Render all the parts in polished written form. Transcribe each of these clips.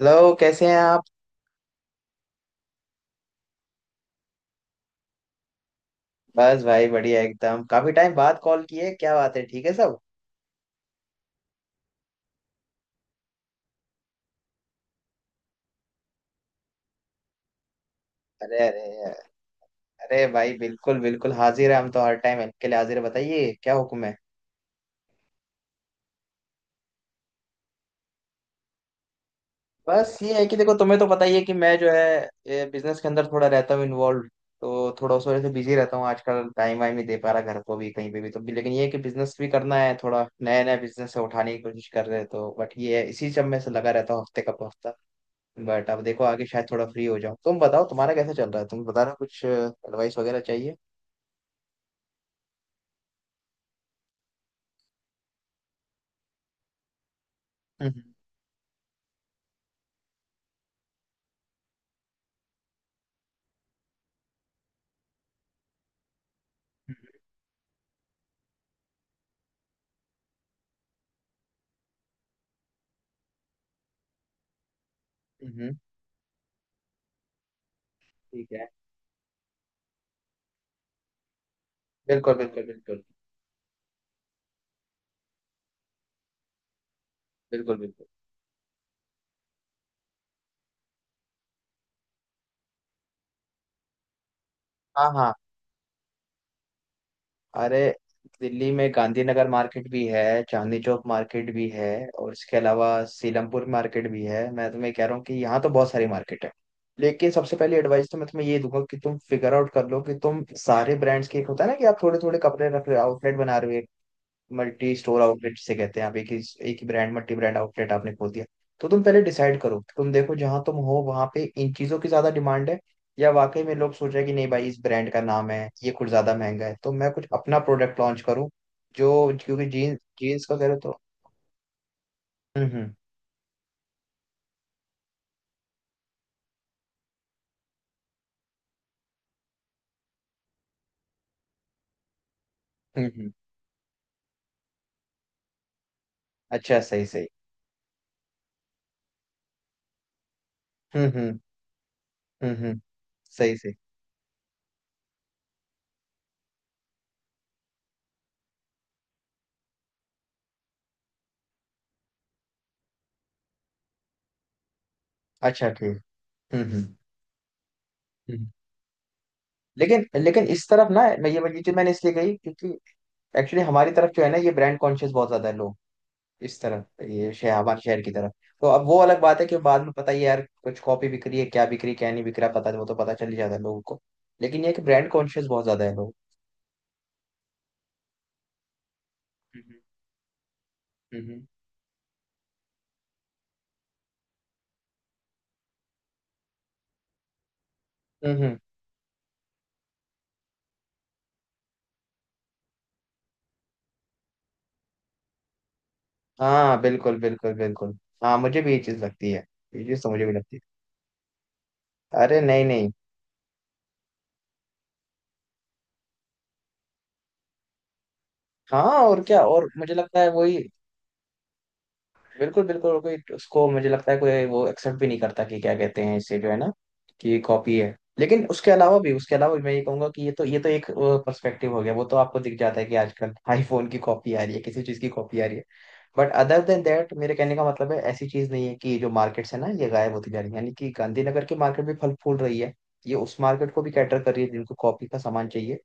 Hello, कैसे हैं आप। बस भाई, बढ़िया एकदम। काफी टाइम बाद कॉल किए, क्या बात है? ठीक है सब? अरे, अरे। अरे भाई, बिल्कुल बिल्कुल हाजिर है हम तो। हर टाइम हेल्प के लिए हाजिर है। बताइए, क्या हुक्म है। बस ये है कि देखो, तुम्हें तो पता ही है कि मैं जो है बिजनेस के अंदर थोड़ा रहता हूँ इन्वॉल्व। तो थोड़ा उस वजह से बिजी रहता हूँ आजकल। टाइम वाइम नहीं दे पा रहा घर को भी, कहीं पे भी तो भी, लेकिन ये है कि बिजनेस भी करना है। थोड़ा नया नया बिजनेस उठाने की कोशिश कर रहे हैं तो, बट ये है, इसी सब में से लगा रहता हूँ हफ्ते का हफ्ता। बट अब देखो, आगे शायद थोड़ा फ्री हो जाओ। तुम बताओ, तुम्हारा कैसा चल रहा है? तुम बता रहे हो कुछ एडवाइस वगैरह चाहिए। हम्म, हम्म। ठीक है। बिल्कुल, बिल्कुल, बिल्कुल, बिल्कुल, बिल्कुल। हाँ, हाँ, अरे। दिल्ली में गांधीनगर मार्केट भी है, चांदनी चौक मार्केट भी है, और इसके अलावा सीलमपुर मार्केट भी है। मैं तुम्हें कह रहा हूँ कि यहाँ तो बहुत सारी मार्केट है। लेकिन सबसे पहली एडवाइस तो मैं तुम्हें ये दूंगा कि तुम फिगर आउट कर लो कि तुम सारे ब्रांड्स के, एक होता है ना कि आप थोड़े थोड़े कपड़े रख रहे हो, आउटलेट बना रहे हो। मल्टी स्टोर आउटलेट जिसे कहते हैं, आप एक ही ब्रांड, मल्टी ब्रांड आउटलेट आपने खोल दिया। तो तुम पहले डिसाइड करो, तुम देखो जहां तुम हो वहां पे इन चीजों की ज्यादा डिमांड है, या वाकई में लोग सोच रहे हैं कि नहीं भाई, इस ब्रांड का नाम है, ये कुछ ज्यादा महंगा है, तो मैं कुछ अपना प्रोडक्ट लॉन्च करूँ, जो। क्योंकि जीन्स जीन्स का कह रहे हो तो। हम्म, हम्म। हम्म, हम्म। अच्छा, सही सही। हम्म, हम्म। हम्म, हम्म। सही सही। अच्छा, ठीक। हम्म, हम्म। हम्म। लेकिन लेकिन इस तरफ ना, मैं ये चीज मैंने इसलिए कही क्योंकि एक्चुअली हमारी तरफ जो है ना, ये ब्रांड कॉन्शियस बहुत ज्यादा है लोग। इस तरफ, ये शहर, हमारे शहर की तरफ। तो अब वो अलग बात है कि बाद में पता ही है यार, कुछ कॉपी बिक रही है, क्या बिक रही है, क्या नहीं बिक रहा पता, वो तो पता चल ही जाता है लोगों को। लेकिन ये है कि ब्रांड कॉन्शियस बहुत ज्यादा है लोग। हम्म, हम्म। हम्म, हम्म। हाँ, बिल्कुल बिल्कुल बिल्कुल। हाँ, मुझे भी ये चीज लगती है। ये चीज तो मुझे भी लगती है। अरे, नहीं नहीं। हाँ, और क्या, और मुझे लगता है वही। बिल्कुल बिल्कुल, और कोई उसको, मुझे लगता है कोई वो एक्सेप्ट भी नहीं करता कि क्या कहते हैं इसे जो है ना, कि कॉपी है। लेकिन उसके अलावा भी, उसके अलावा भी मैं ये कहूंगा कि ये तो एक पर्सपेक्टिव हो गया। वो तो आपको दिख जाता है कि आजकल आईफोन की कॉपी आ रही है, किसी चीज की कॉपी आ रही है। बट अदर देन दैट, मेरे कहने का मतलब है ऐसी चीज नहीं है कि जो मार्केट्स है ना, ये गायब होती जा रही है। यानी कि गांधीनगर की मार्केट भी फल फूल रही है, ये उस मार्केट को भी कैटर कर रही है जिनको कॉपी का सामान चाहिए।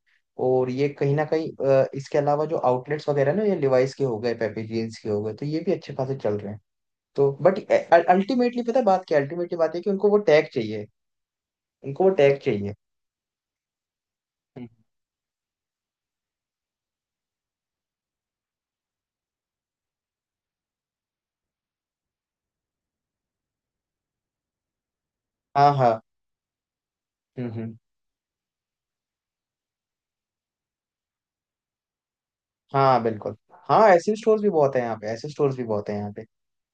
और ये कहीं ना कहीं, इसके अलावा जो आउटलेट्स वगैरह ना, ये लिवाइस के हो गए, पेपी जीन्स के हो गए, तो ये भी अच्छे खासे चल रहे हैं। तो बट अल्टीमेटली पता है बात क्या, अल्टीमेटली बात है कि उनको वो टैग चाहिए। उनको वो टैग चाहिए। हम्म। हाँ, हाँ। हम्म, हम्म। हाँ, बिल्कुल। हाँ, ऐसे स्टोर्स भी बहुत है यहाँ पे, ऐसे स्टोर्स भी बहुत है यहाँ पे।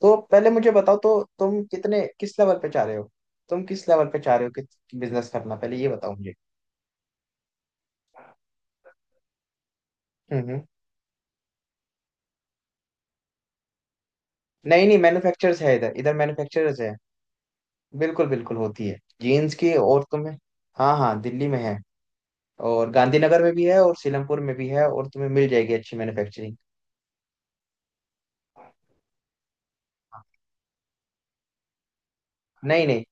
तो पहले मुझे बताओ तो, तुम कितने, किस लेवल पे चाह रहे हो? तुम किस लेवल पे चाह रहे हो कि बिजनेस करना, पहले ये बताओ मुझे। हम्म, नहीं नहीं, मैन्युफैक्चरर्स है इधर, इधर मैन्युफैक्चरर्स है। बिल्कुल बिल्कुल होती है जीन्स की, और तुम्हें। हाँ, हाँ, दिल्ली में है। और गांधीनगर में भी है और सीलमपुर में भी है, और तुम्हें मिल जाएगी अच्छी मैन्युफैक्चरिंग। नहीं नहीं।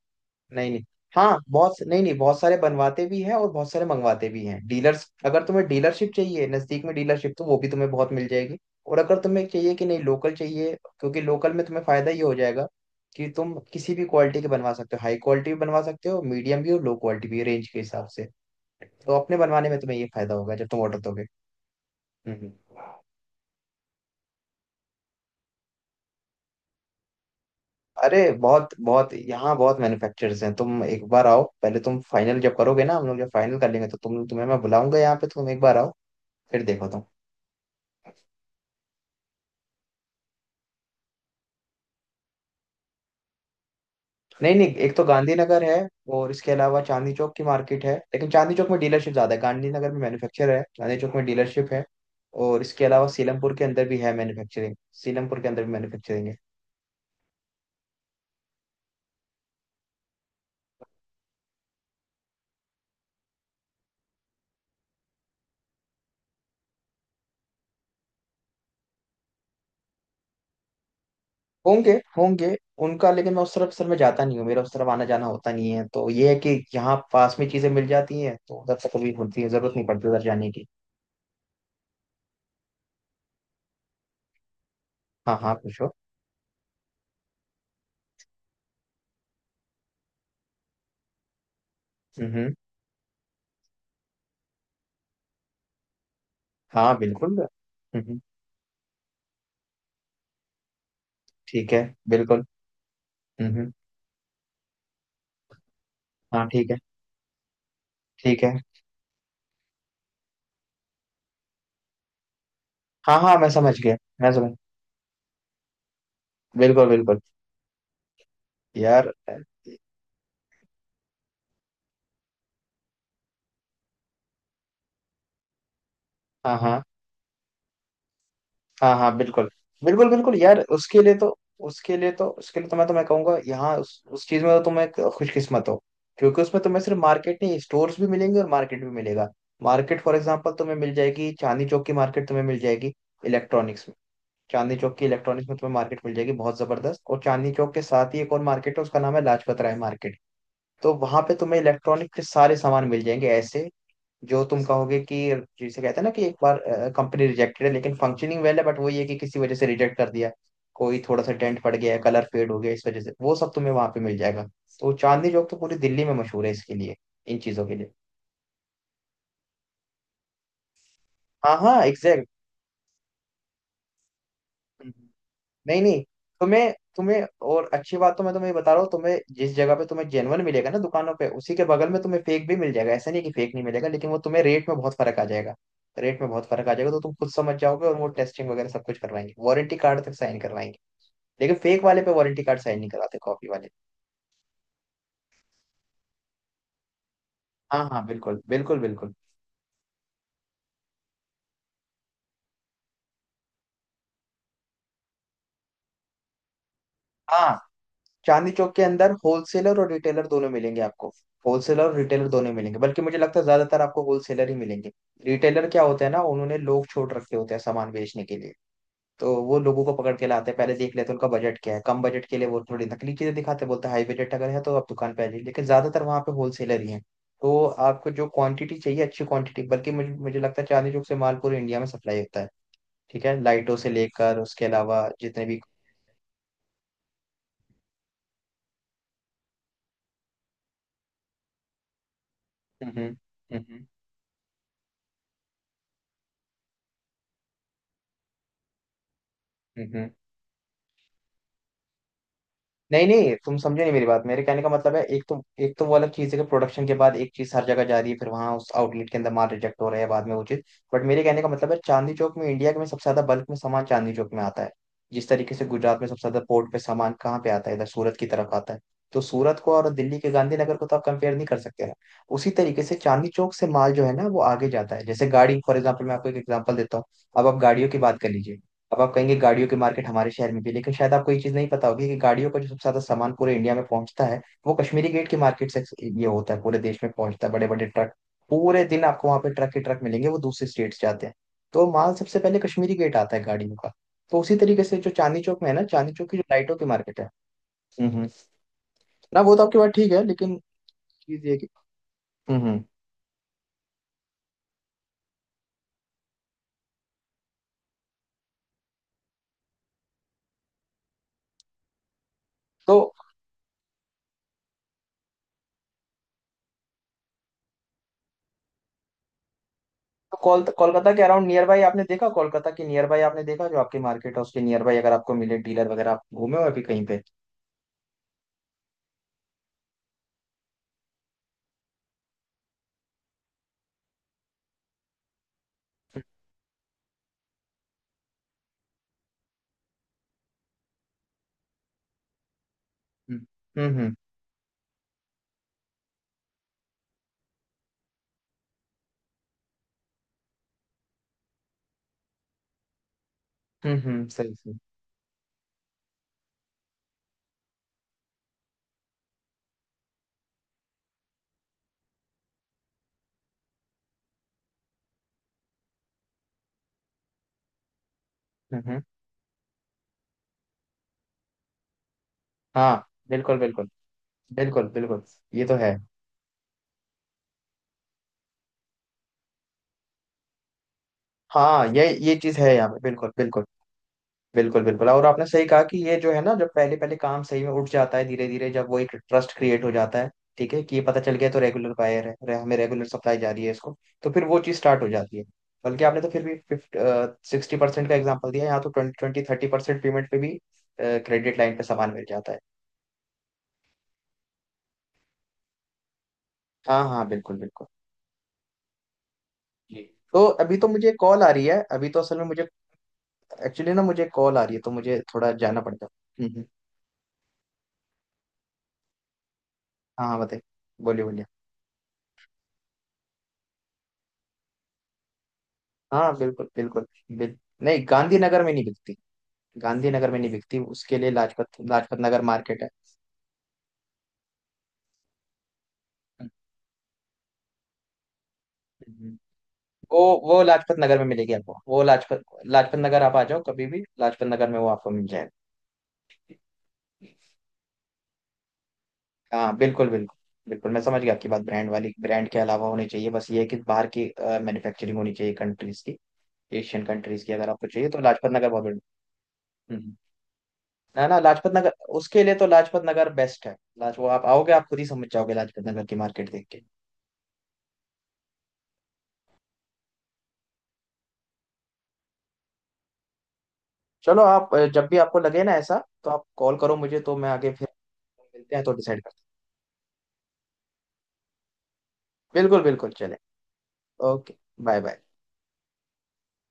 नहीं नहीं। हाँ, बहुत नहीं नहीं, बहुत सारे बनवाते भी हैं और बहुत सारे मंगवाते भी हैं डीलर्स। अगर तुम्हें डीलरशिप चाहिए, नजदीक में डीलरशिप, तो वो भी तुम्हें बहुत मिल जाएगी। और अगर तुम्हें चाहिए कि नहीं, लोकल चाहिए, क्योंकि लोकल में तुम्हें फायदा ये हो जाएगा कि तुम किसी भी क्वालिटी के बनवा सकते हो, हाई क्वालिटी भी बनवा सकते हो, मीडियम भी और लो क्वालिटी भी, रेंज के हिसाब से। तो अपने बनवाने में तुम्हें ये फायदा होगा जब तुम ऑर्डर दोगे। हम्म, अरे, बहुत बहुत यहाँ बहुत मैन्युफैक्चरर्स हैं। तुम एक बार आओ, पहले तुम फाइनल जब करोगे ना, हम लोग जब फाइनल कर लेंगे तो तुम्हें मैं बुलाऊंगा यहाँ पे, तुम एक बार आओ। फिर देखो तुम। नहीं नहीं, एक तो गांधीनगर है। और इसके अलावा चांदनी चौक की मार्केट है, लेकिन चांदनी चौक में डीलरशिप ज्यादा है। गांधीनगर में मैन्युफैक्चर है, चांदनी चौक में डीलरशिप है। और इसके अलावा सीलमपुर के अंदर भी है मैन्युफैक्चरिंग। सीलमपुर के अंदर भी मैन्युफैक्चरिंग है। होंगे होंगे उनका, लेकिन मैं उस तरफ, सर मैं जाता नहीं हूँ। मेरा उस तरफ आना जाना होता नहीं है, तो ये है कि यहाँ पास में चीजें मिल जाती हैं तो उधर तक कभी होती है, जरूरत नहीं पड़ती उधर जाने की। हाँ, हाँ, पूछो। हम्म। हाँ, बिल्कुल। हम्म। ठीक है, बिल्कुल। हम्म। हाँ, ठीक है। ठीक है। हाँ, हाँ, मैं समझ गया, मैं समझ। बिल्कुल बिल्कुल यार। हाँ, हाँ। हाँ, हाँ, बिल्कुल बिल्कुल बिल्कुल यार, उसके लिए तो, उसके लिए तो, उसके लिए तो मैं, तो मैं कहूंगा यहाँ, उस चीज में तो तुम एक खुशकिस्मत हो। क्योंकि उसमें तुम्हें सिर्फ मार्केट नहीं, स्टोर्स भी मिलेंगे और मार्केट भी मिलेगा। मार्केट फॉर एग्जांपल तुम्हें मिल जाएगी, चांदनी चौक की मार्केट तुम्हें मिल जाएगी इलेक्ट्रॉनिक्स में। चांदनी चौक की इलेक्ट्रॉनिक्स में तुम्हें मार्केट मिल जाएगी बहुत जबरदस्त। और चांदनी चौक के साथ ही एक और मार्केट है, उसका नाम है लाजपत राय मार्केट। तो वहां पे तुम्हें इलेक्ट्रॉनिक के सारे सामान मिल जाएंगे ऐसे, जो तुम कहोगे कि, जिसे कहते हैं ना, कि एक बार कंपनी रिजेक्टेड है लेकिन फंक्शनिंग वेल है, बट वो ये कि किसी वजह से रिजेक्ट कर दिया। कोई थोड़ा सा डेंट पड़ गया है, कलर फेड हो गया, इस वजह से वो सब तुम्हें वहां पे मिल जाएगा। तो चांदनी चौक तो पूरी दिल्ली में मशहूर है इसके लिए, इन चीजों के लिए। हाँ, हाँ, एग्जैक्ट। नहीं नहीं, तुम्हें तुम्हें, और अच्छी बात तो मैं तुम्हें ये बता रहा हूँ, तुम्हें जिस जगह पे तुम्हें जेनवन मिलेगा ना दुकानों पे, उसी के बगल में तुम्हें फेक भी मिल जाएगा। ऐसा नहीं है कि फेक नहीं मिलेगा, लेकिन वो तुम्हें रेट में बहुत फर्क आ जाएगा। रेट में बहुत फर्क आ जाएगा, तो तुम खुद समझ जाओगे। और वो टेस्टिंग वगैरह सब कुछ करवाएंगे, वारंटी कार्ड तक साइन करवाएंगे। लेकिन फेक वाले पे वारंटी कार्ड साइन नहीं कराते, कॉपी वाले। हाँ, हाँ, बिल्कुल बिल्कुल बिल्कुल। हाँ, चांदनी चौक के अंदर होलसेलर और रिटेलर दोनों मिलेंगे आपको। होलसेलर और रिटेलर दोनों मिलेंगे, बल्कि मुझे लगता है ज्यादातर आपको होलसेलर ही मिलेंगे। रिटेलर क्या होता है ना, उन्होंने लोग छोड़ रखे होते हैं सामान बेचने के लिए। तो वो लोगों को पकड़ के लाते हैं, पहले देख लेते हैं उनका बजट क्या है। कम बजट के लिए वो थोड़ी नकली चीजें दिखाते हैं, बोलते हैं हाई बजट अगर है तो आप दुकान पे आ जाइए, लेकिन ज्यादातर वहाँ पे होलसेलर ही हैं। तो आपको जो क्वांटिटी चाहिए, अच्छी क्वांटिटी, बल्कि मुझे मुझे लगता है चांदनी चौक से माल पूरे इंडिया में सप्लाई होता है। ठीक है, लाइटों से लेकर उसके अलावा जितने भी। हम्म, हम्म। हम्म, हम्म। हम्म। नहीं नहीं, तुम समझो नहीं मेरी बात, मेरे कहने का मतलब है, एक तो वो अलग चीज़ है कि प्रोडक्शन के बाद एक चीज़ हर जगह जा रही है, फिर वहां उस आउटलेट के अंदर माल रिजेक्ट हो रहा है, बाद में वो चीज़। बट मेरे कहने का मतलब है, चांदनी चौक में, इंडिया में सबसे ज्यादा बल्क में सामान चांदनी चौक में आता है। जिस तरीके से गुजरात में सबसे ज्यादा पोर्ट पे सामान कहाँ पे आता है, इधर सूरत की तरफ आता है। तो सूरत को और दिल्ली के गांधीनगर को तो आप कंपेयर नहीं कर सकते ना। उसी तरीके से चांदनी चौक से माल जो है ना, वो आगे जाता है। जैसे गाड़ी, फॉर एग्जाम्पल, मैं आपको एक एग्जाम्पल देता हूँ। अब आप गाड़ियों की बात कर लीजिए। अब आप कहेंगे, गाड़ियों की मार्केट हमारे शहर में भी है, लेकिन शायद आपको ये चीज नहीं पता होगी कि गाड़ियों का जो सबसे ज्यादा सामान पूरे इंडिया में पहुंचता है, वो कश्मीरी गेट की मार्केट से। ये होता है, पूरे देश में पहुंचता है, बड़े बड़े ट्रक। पूरे दिन आपको वहां पे ट्रक ही ट्रक मिलेंगे, वो दूसरे स्टेट से आते हैं। तो माल सबसे पहले कश्मीरी गेट आता है गाड़ियों का। तो उसी तरीके से जो चांदनी चौक में है ना, चांदनी चौक की जो लाइटों की मार्केट है। हम्म, ना वो तो आपकी बात ठीक है, लेकिन चीज ये है कि। हम्म, तो तो कोलकाता के अराउंड नियर बाई आपने देखा, कोलकाता के नियर बाई आपने देखा, जो आपकी मार्केट है उसके नियर बाई अगर आपको मिले डीलर वगैरह, आप घूमे हो अभी कहीं पे। हम्म, हम्म। हम्म, हम्म। सही सही। हम्म, हम्म। हाँ, बिल्कुल बिल्कुल बिल्कुल बिल्कुल। ये तो है। हाँ, ये चीज है यहाँ पे, बिल्कुल बिल्कुल बिल्कुल बिल्कुल। और आपने सही कहा कि ये जो है ना, जब पहले पहले काम सही में उठ जाता है, धीरे धीरे जब वो एक ट्रस्ट क्रिएट हो जाता है, ठीक है, कि ये पता चल गया, तो रेगुलर बायर है, हमें रेगुलर सप्लाई जा रही है इसको, तो फिर वो चीज स्टार्ट हो जाती है। बल्कि आपने तो फिर भी फिफ्ट 60% का एग्जाम्पल दिया, यहाँ तो ट्वेंटी, 20-30% पेमेंट पे भी क्रेडिट लाइन पे सामान मिल जाता है। हाँ, हाँ, बिल्कुल बिल्कुल। जी। तो अभी तो मुझे कॉल आ रही है, अभी तो असल में मुझे, एक्चुअली ना मुझे कॉल आ रही है तो मुझे थोड़ा जाना पड़ता है। हाँ, हाँ, बताइए। बोलिए, बोलिए। हाँ, बिल्कुल बिल्कुल। बिल नहीं, गांधीनगर में नहीं बिकती। गांधीनगर में नहीं बिकती, उसके लिए लाजपत लाजपत नगर मार्केट है। हम्म। वो वो लाजपत नगर में मिलेगी आपको। वो लाजपत लाजपत नगर आप आ जाओ कभी भी, लाजपत नगर में वो आपको मिल जाएगा। हाँ, बिल्कुल बिल्कुल बिल्कुल, मैं समझ गया आपकी बात। ब्रांड वाली, ब्रांड के अलावा होनी चाहिए, बस ये है कि बाहर की मैन्युफैक्चरिंग होनी चाहिए, कंट्रीज की। एशियन कंट्रीज की अगर आपको चाहिए तो लाजपत नगर बहुत बढ़िया। हम्म। ना ना, लाजपत नगर, उसके लिए तो लाजपत नगर बेस्ट है। लाज वो आप आओगे, आप खुद ही समझ जाओगे लाजपत नगर की मार्केट देख के। चलो, आप जब भी आपको लगे ना ऐसा, तो आप कॉल करो मुझे, तो मैं आगे फिर मिलते हैं तो डिसाइड करते हैं। बिल्कुल बिल्कुल, चले। ओके। Bye, bye.